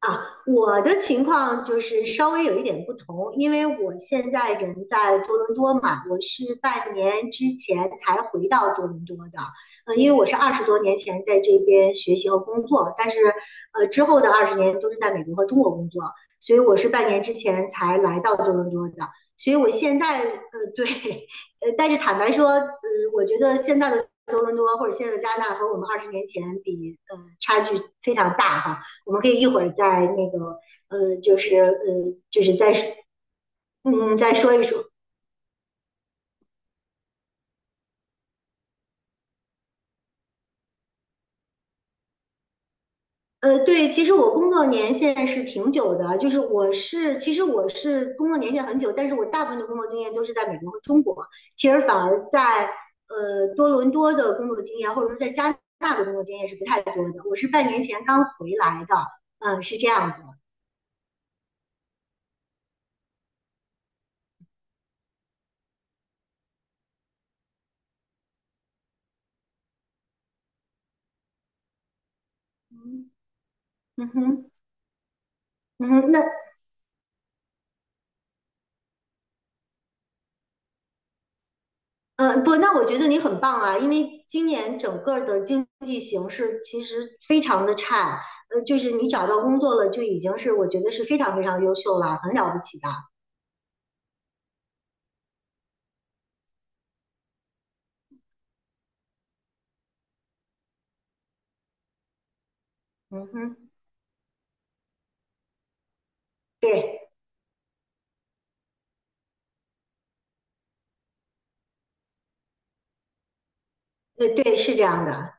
啊，我的情况就是稍微有一点不同，因为我现在人在多伦多嘛，我是半年之前才回到多伦多的。因为我是二十多年前在这边学习和工作，但是之后的二十年都是在美国和中国工作，所以我是半年之前才来到多伦多的。所以我现在对，但是坦白说，我觉得现在的多伦多或者现在的加拿大和我们二十年前比，差距非常大哈。我们可以一会儿再那个，就是再说嗯再说一说。对，其实我工作年限是挺久的，就是我是工作年限很久，但是我大部分的工作经验都是在美国和中国，其实反而在多伦多的工作经验或者说在加拿大的工作经验是不太多的。我是半年前刚回来的，嗯、是这样子。嗯嗯哼，嗯哼，那嗯，不，那我觉得你很棒啊，因为今年整个的经济形势其实非常的差，就是你找到工作了就已经我觉得是非常非常优秀了，很了不起的。嗯哼，对，是这样的。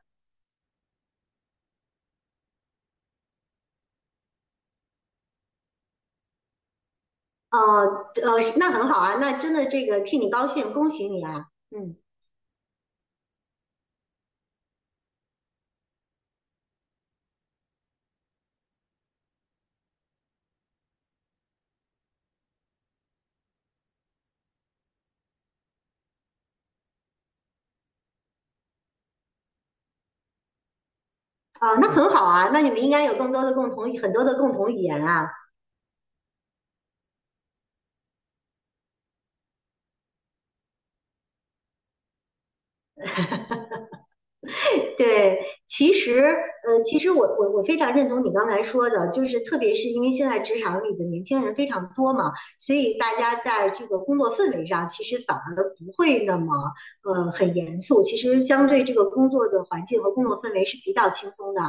呃那很好啊，那真的这个替你高兴，恭喜你啊。嗯，啊、那很好啊，那你们应该有更多的很多的共同语言啊。对，对，其实其实我非常认同你刚才说的，就是特别是因为现在职场里的年轻人非常多嘛，所以大家在这个工作氛围上，其实反而不会那么很严肃。其实相对这个工作的环境和工作氛围是比较轻松的，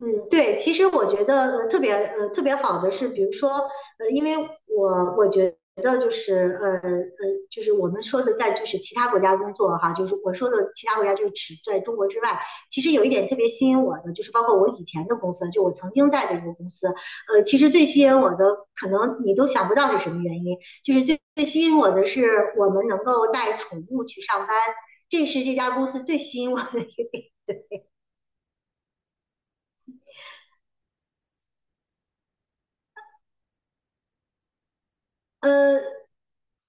嗯，对，其实我觉得特别特别好的是，比如说因为我觉得就是就是我们说的在就是其他国家工作哈，就是我说的其他国家就是指在中国之外，其实有一点特别吸引我的，就是包括我以前的公司，就我曾经带的一个公司，其实最吸引我的可能你都想不到是什么原因，就是最最吸引我的是我们能够带宠物去上班，这是这家公司最吸引我的。呃，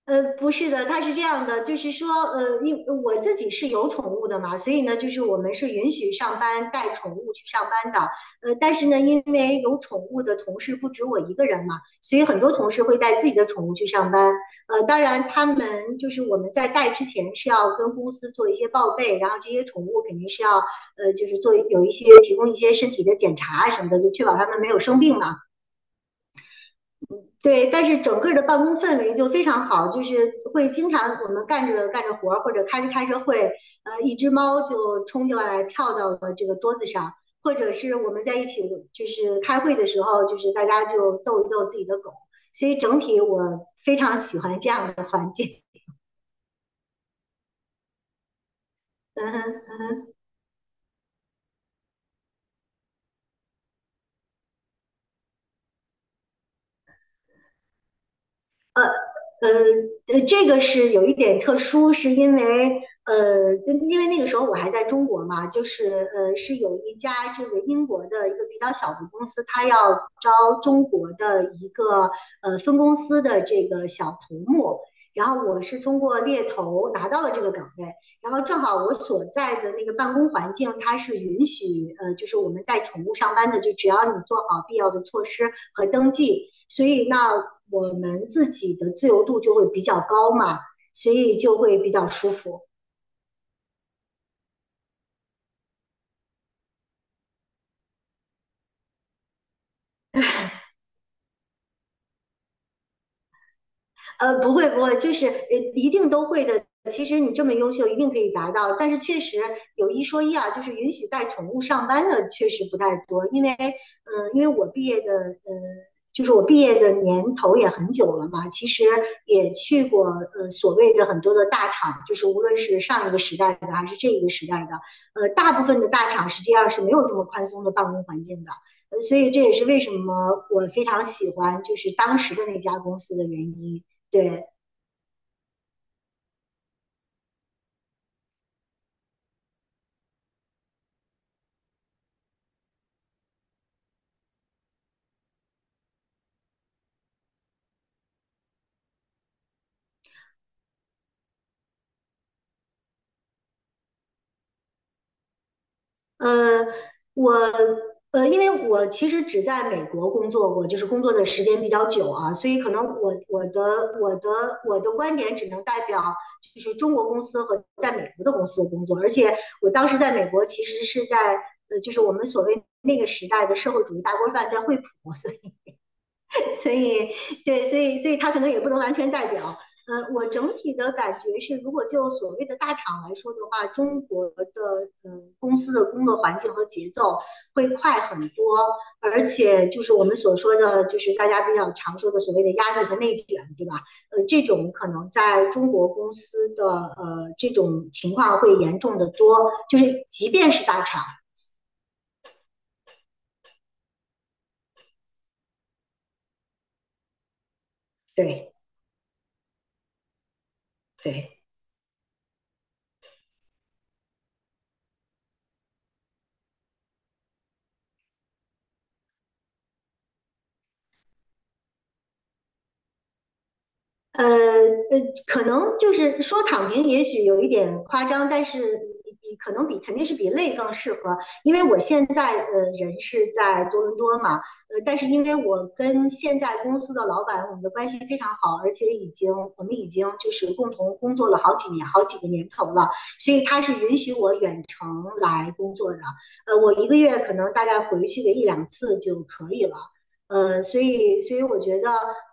不是的，它是这样的，就是说，因我自己是有宠物的嘛，所以呢，就是我们是允许上班带宠物去上班的。但是呢，因为有宠物的同事不止我一个人嘛，所以很多同事会带自己的宠物去上班。当然，他们就是我们在带之前是要跟公司做一些报备，然后这些宠物肯定是要，就是做有一些提供一些身体的检查什么的，就确保它们没有生病嘛。对，但是整个的办公氛围就非常好，就是会经常我们干着干着活儿或者开着开着会，一只猫就冲进来跳到了这个桌子上，或者是我们在一起就是开会的时候，就是大家就逗一逗自己的狗，所以整体我非常喜欢这样的环境。嗯哼，嗯哼。呃这个是有一点特殊，是因为因为那个时候我还在中国嘛，就是是有一家这个英国的一个比较小的公司，它要招中国的一个分公司的这个小头目，然后我是通过猎头拿到了这个岗位，然后正好我所在的那个办公环境，它是允许就是我们带宠物上班的，就只要你做好必要的措施和登记，所以那我们自己的自由度就会比较高嘛，所以就会比较舒服。不会不会，就是一定都会的。其实你这么优秀，一定可以达到。但是确实有一说一啊，就是允许带宠物上班的确实不太多，因为嗯、因为我毕业的就是我毕业的年头也很久了嘛，其实也去过所谓的很多的大厂，就是无论是上一个时代的还是这一个时代的，大部分的大厂实际上是没有这么宽松的办公环境的。所以这也是为什么我非常喜欢就是当时的那家公司的原因。对，呃，我因为我其实只在美国工作过，就是工作的时间比较久啊，所以可能我我的观点只能代表就是中国公司和在美国的公司的工作，而且我当时在美国其实是在就是我们所谓那个时代的社会主义大锅饭在惠普，所以对，所以他可能也不能完全代表。我整体的感觉是，如果就所谓的大厂来说的话，中国的公司的工作环境和节奏会快很多，而且就是我们所说的，就是大家比较常说的所谓的压力和内卷，对吧？这种可能在中国公司的这种情况会严重的多，就是即便是大厂，对对。呃呃，可能就是说躺平，也许有一点夸张，但是可能比肯定是比累更适合，因为我现在人是在多伦多嘛，但是因为我跟现在公司的老板我们的关系非常好，而且我们已经就是共同工作了好几年好几个年头了，所以他是允许我远程来工作的，我一个月可能大概回去个一两次就可以了。所以我觉得，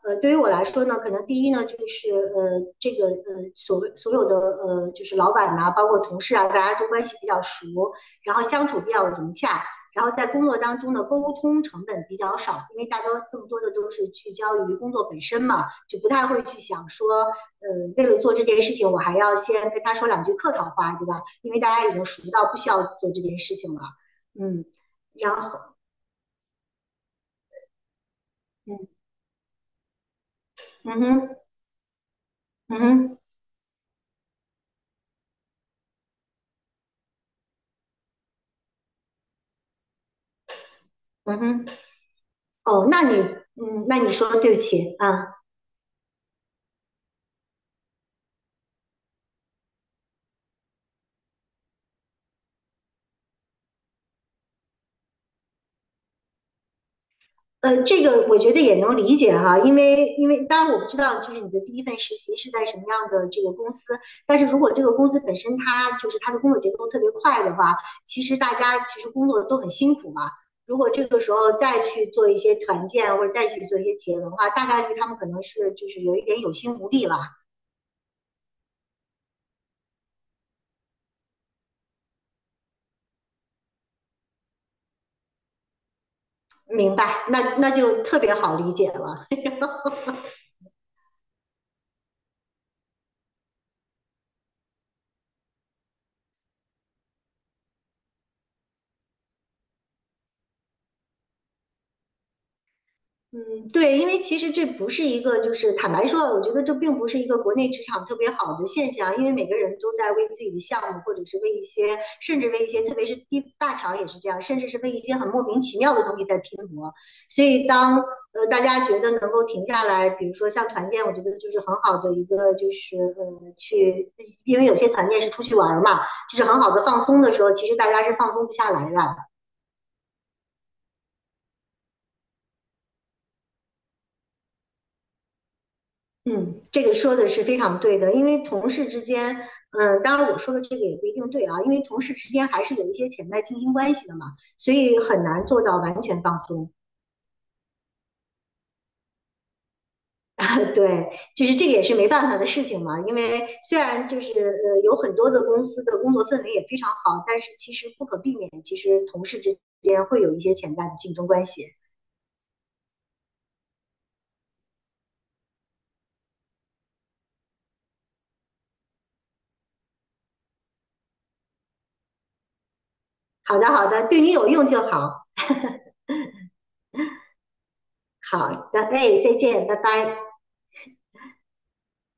对于我来说呢，可能第一呢，就是所谓所有的就是老板呐、啊包括同事啊，大家都关系比较熟，然后相处比较融洽，然后在工作当中的沟通成本比较少，因为更多的都是聚焦于工作本身嘛，就不太会去想说，呃，为了做这件事情，我还要先跟他说两句客套话，对吧？因为大家已经熟到不需要做这件事情了，嗯，然后，嗯，嗯哼，嗯哼，嗯哼。哦，那你嗯，那你说对不起啊，这个我觉得也能理解哈，因为当然我不知道就是你的第一份实习是在什么样的这个公司，但是如果这个公司本身它就是它的工作节奏特别快的话，大家其实工作都很辛苦嘛。如果这个时候再去做一些团建或者再去做一些企业文化，大概率他们可能是就是有一点有心无力了。明白，那就特别好理解了。嗯，对，因为其实这不是一个，就是坦白说，我觉得这并不是一个国内职场特别好的现象，因为每个人都在为自己的项目，或者是为一些，甚至为一些，特别是地大厂也是这样，甚至是为一些很莫名其妙的东西在拼搏。所以当大家觉得能够停下来，比如说像团建，我觉得就是很好的一个，就是去，因为有些团建是出去玩儿嘛，就是很好的放松的时候，其实大家是放松不下来的。嗯，这个说的是非常对的，因为同事之间，嗯，当然我说的这个也不一定对啊，因为同事之间还是有一些潜在竞争关系的嘛，所以很难做到完全放松。对，就是这个也是没办法的事情嘛，因为虽然就是有很多的公司的工作氛围也非常好，但是其实不可避免，其实同事之间会有一些潜在的竞争关系。好的，好的，对你有用就好。好的，哎，再见，拜拜。